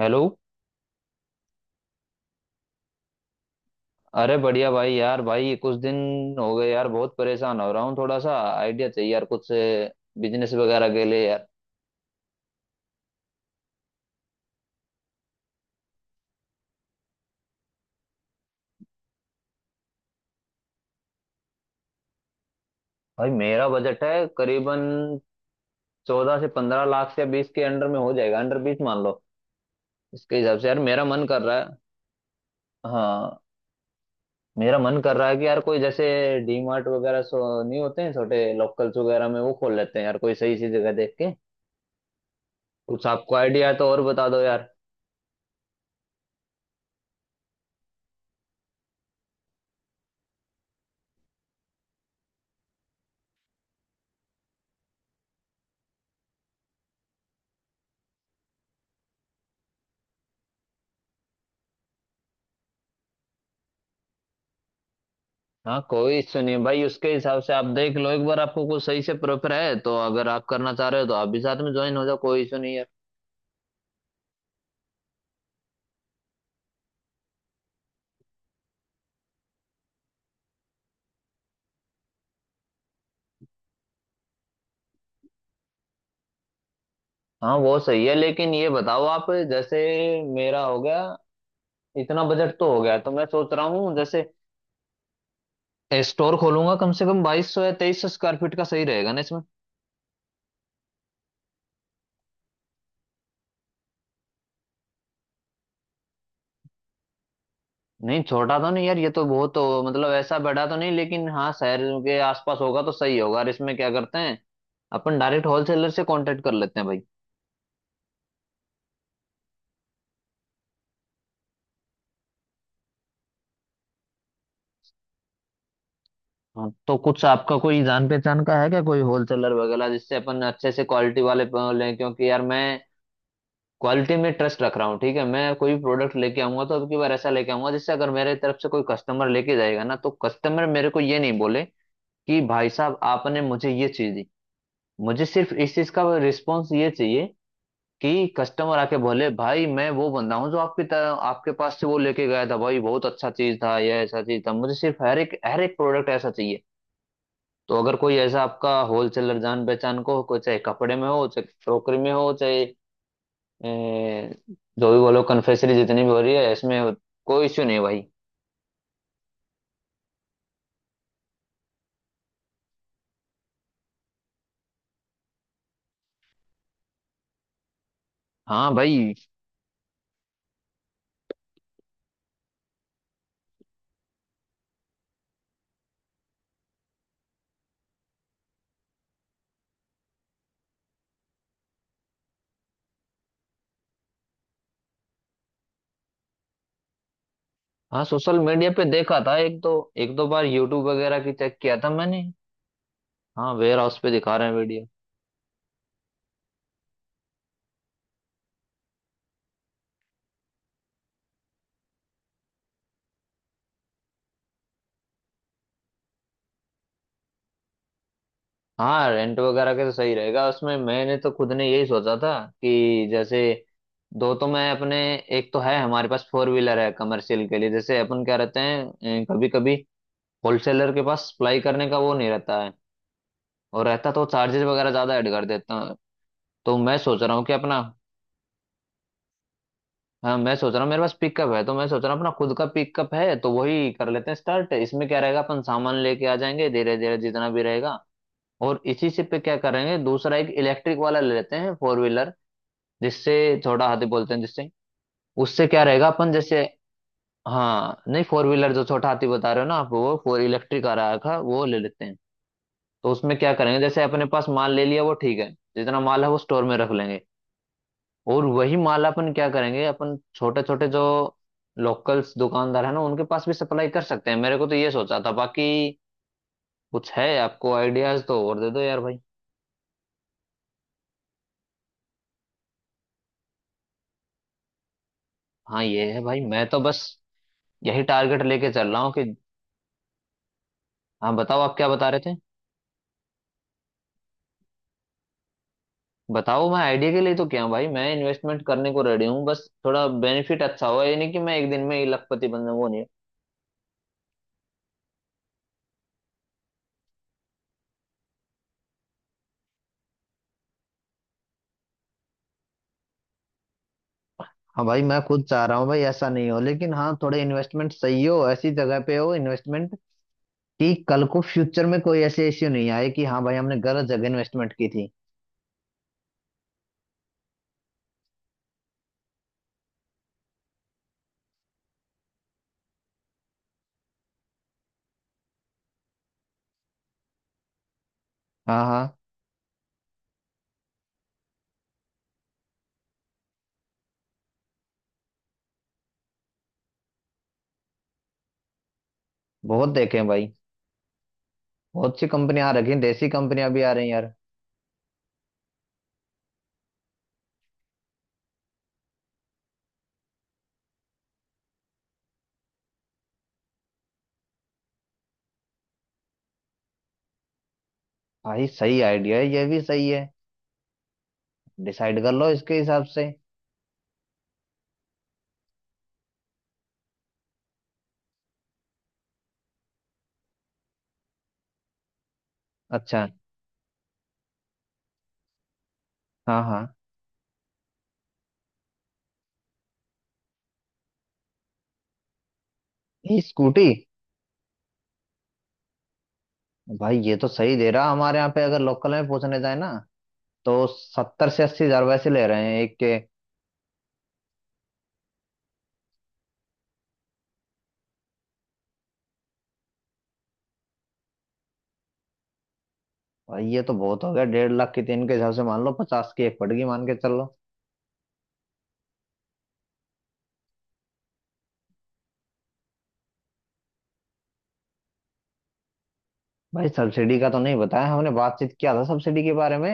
Hello. अरे बढ़िया भाई। यार भाई ये कुछ दिन हो गए यार, बहुत परेशान हो रहा हूँ। थोड़ा सा आइडिया चाहिए यार, कुछ बिजनेस वगैरह के लिए यार। भाई मेरा बजट है करीबन 14 से 15 लाख से 20 के अंडर में हो जाएगा। अंडर 20 मान लो। इसके हिसाब से यार मेरा मन कर रहा है। हाँ। मेरा मन कर रहा है कि यार कोई जैसे डी मार्ट वगैरह सो नहीं होते हैं छोटे लोकल्स वगैरह में, वो खोल लेते हैं यार कोई सही सी जगह देख के। कुछ आपको आइडिया है तो और बता दो यार। हाँ, कोई इश्यू नहीं भाई। उसके हिसाब से आप देख लो एक बार। आपको कुछ सही से प्रेफर है तो अगर आप करना चाह रहे हो तो आप भी साथ में ज्वाइन हो जाओ, कोई इश्यू नहीं है। हाँ वो सही है, लेकिन ये बताओ आप, जैसे मेरा हो गया, इतना बजट तो हो गया तो मैं सोच रहा हूँ जैसे स्टोर खोलूंगा कम से कम 2200 या 2300 स्क्वायर फीट का, सही रहेगा ना इसमें। नहीं, छोटा तो नहीं यार। ये तो बहुत तो, मतलब ऐसा बड़ा तो नहीं, लेकिन हाँ शहर के आसपास होगा तो सही होगा। और इसमें क्या करते हैं, अपन डायरेक्ट होलसेलर से कांटेक्ट कर लेते हैं भाई। हाँ, तो कुछ आपका कोई जान पहचान का है क्या, कोई होलसेलर वगैरह, जिससे अपन अच्छे से क्वालिटी वाले लें, क्योंकि यार मैं क्वालिटी में ट्रस्ट रख रहा हूँ। ठीक है, मैं कोई भी प्रोडक्ट लेके आऊंगा तो अब की बार ऐसा लेके आऊंगा, जिससे अगर मेरे तरफ से कोई कस्टमर लेके जाएगा ना तो कस्टमर मेरे को ये नहीं बोले कि भाई साहब आपने मुझे ये चीज दी। मुझे सिर्फ इस चीज का रिस्पॉन्स ये चाहिए कि कस्टमर आके बोले भाई मैं वो बंदा हूँ जो आपकी तरह आपके पास से वो लेके गया था। भाई बहुत अच्छा चीज था, यह ऐसा चीज था। मुझे सिर्फ हर एक प्रोडक्ट ऐसा चाहिए। तो अगर कोई ऐसा आपका होलसेलर जान पहचान को हो, कोई चाहे कपड़े में हो, चाहे क्रोकरी में हो, चाहे ए, जो भी बोलो, कन्फेक्शनरी, जितनी भी हो रही है इसमें, कोई इश्यू नहीं भाई। हाँ भाई। हाँ, सोशल मीडिया पे देखा था एक दो बार। यूट्यूब वगैरह की चेक किया था मैंने। हाँ, वेयर हाउस पे दिखा रहे हैं वीडियो। हाँ, रेंट वगैरह के तो सही रहेगा उसमें। मैंने तो खुद ने यही सोचा था कि जैसे दो तो मैं अपने एक तो है, हमारे पास फोर व्हीलर है कमर्शियल के लिए। जैसे अपन क्या रहते हैं कभी कभी होलसेलर के पास सप्लाई करने का वो नहीं रहता है, और रहता तो चार्जेस वगैरह ज्यादा ऐड कर देता है। तो मैं सोच रहा हूँ कि अपना, हाँ मैं सोच रहा हूँ मेरे पास पिकअप है, तो मैं सोच रहा हूँ अपना खुद का पिकअप है तो वही कर लेते हैं स्टार्ट। इसमें क्या रहेगा, अपन सामान लेके आ जाएंगे धीरे धीरे जितना भी रहेगा। और इसी से पे क्या करेंगे, दूसरा एक इलेक्ट्रिक वाला ले लेते हैं फोर व्हीलर, जिससे छोटा हाथी बोलते हैं, जिससे उससे क्या रहेगा अपन जैसे। हाँ नहीं, फोर व्हीलर जो छोटा हाथी बता रहे हो ना आप, वो फोर इलेक्ट्रिक आ रहा था वो ले लेते हैं। तो उसमें क्या करेंगे, जैसे अपने पास माल ले लिया वो ठीक है। जितना माल है वो स्टोर में रख लेंगे। और वही माल अपन क्या करेंगे, अपन छोटे छोटे जो लोकल्स दुकानदार है ना, उनके पास भी सप्लाई कर सकते हैं। मेरे को तो ये सोचा था, बाकी कुछ है आपको आइडियाज तो और दे दो यार भाई। हाँ ये है भाई, मैं तो बस यही टारगेट लेके चल रहा हूँ कि, हाँ बताओ आप क्या बता रहे थे। बताओ। मैं आइडिया के लिए तो क्या, भाई मैं इन्वेस्टमेंट करने को रेडी हूँ, बस थोड़ा बेनिफिट अच्छा हो। ये नहीं कि मैं एक दिन में ही लखपति बन जाऊँ, वो नहीं। हाँ भाई, मैं खुद चाह रहा हूँ भाई ऐसा नहीं हो, लेकिन हाँ थोड़े इन्वेस्टमेंट सही हो, ऐसी जगह पे हो इन्वेस्टमेंट कि कल को फ्यूचर में कोई ऐसे इश्यू नहीं आए कि हाँ भाई हमने गलत जगह इन्वेस्टमेंट की थी। हाँ हाँ। बहुत देखे हैं भाई। बहुत सी कंपनियां आ रखी हैं, देसी कंपनियां भी आ रही हैं यार। भाई सही आइडिया है, ये भी सही है। डिसाइड कर लो इसके हिसाब से। अच्छा। हाँ हाँ। ये स्कूटी। भाई ये तो सही दे रहा। हमारे यहाँ पे अगर लोकल में पूछने जाए ना तो 70 से 80 हजार वैसे ले रहे हैं एक के। भाई ये तो बहुत हो गया। 1.5 लाख की तीन के हिसाब से मान लो 50 की एक पड़गी, मान के चल लो। भाई सब्सिडी का तो नहीं बताया। हमने बातचीत किया था सब्सिडी के बारे में।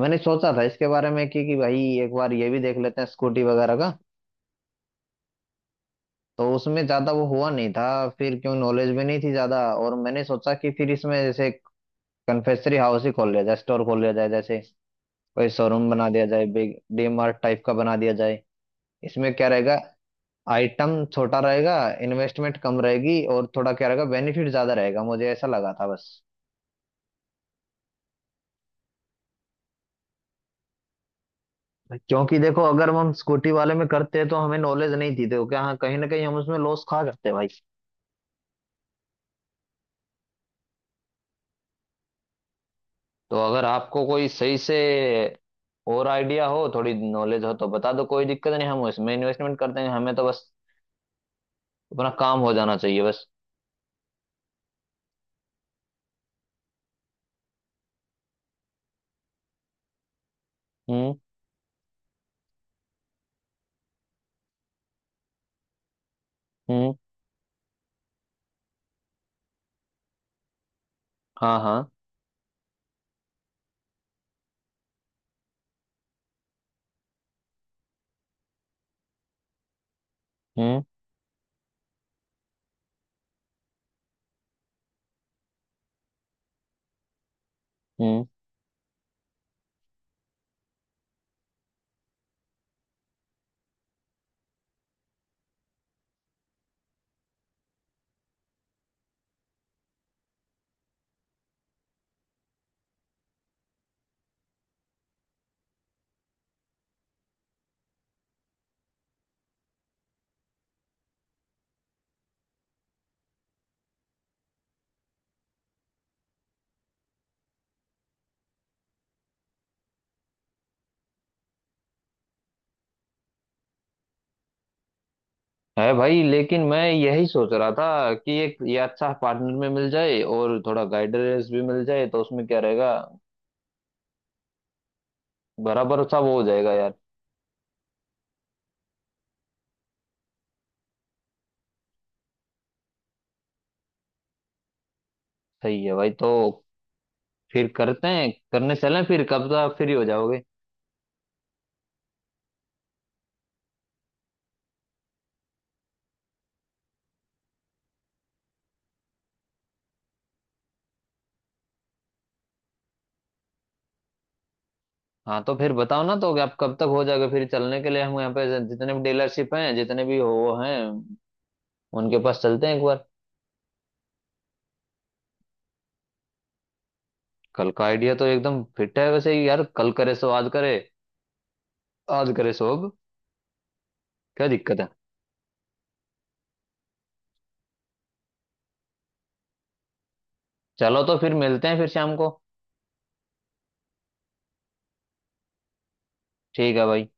मैंने सोचा था इसके बारे में कि भाई एक बार ये भी देख लेते हैं स्कूटी वगैरह का। तो उसमें ज्यादा वो हुआ नहीं था। फिर क्यों नॉलेज भी नहीं थी ज्यादा। और मैंने सोचा कि फिर इसमें जैसे कन्फेक्शनरी हाउस ही खोल लिया जाए, स्टोर खोल लिया जाए, जैसे कोई शोरूम बना दिया जाए, बिग डी मार्ट टाइप का बना दिया जाए। इसमें क्या रहेगा, आइटम छोटा रहेगा, इन्वेस्टमेंट कम रहेगी, और थोड़ा क्या रहेगा बेनिफिट ज्यादा रहेगा, मुझे ऐसा लगा था बस। क्योंकि देखो अगर हम स्कूटी वाले में करते हैं तो हमें नॉलेज नहीं थी, देखो क्या, हाँ, कहीं ना कहीं हम उसमें लॉस खा सकते हैं भाई। तो अगर आपको कोई सही से और आइडिया हो, थोड़ी नॉलेज हो, तो बता दो, कोई दिक्कत नहीं हम उसमें इन्वेस्टमेंट कर देंगे। हमें तो बस अपना काम हो जाना चाहिए बस। हम्म। हम्म। हाँ हाँ। हम्म। हम्म। है भाई, लेकिन मैं यही सोच रहा था कि एक ये अच्छा पार्टनर में मिल जाए और थोड़ा गाइडेंस भी मिल जाए तो उसमें क्या रहेगा, बराबर सा वो हो जाएगा यार। सही है भाई। तो फिर करते हैं, करने चलें फिर कब तक फ्री हो जाओगे। हाँ तो फिर बताओ ना तो कि आप कब तक हो जाओगे फिर चलने के लिए। हम यहाँ पे जितने भी डीलरशिप हैं जितने भी वो हैं, उनके पास चलते हैं एक बार। कल का आइडिया तो एकदम फिट है, वैसे ही यार कल करे सो आज करे, आज करे सो अब, क्या दिक्कत है। चलो तो फिर मिलते हैं फिर शाम को। ठीक है भाई।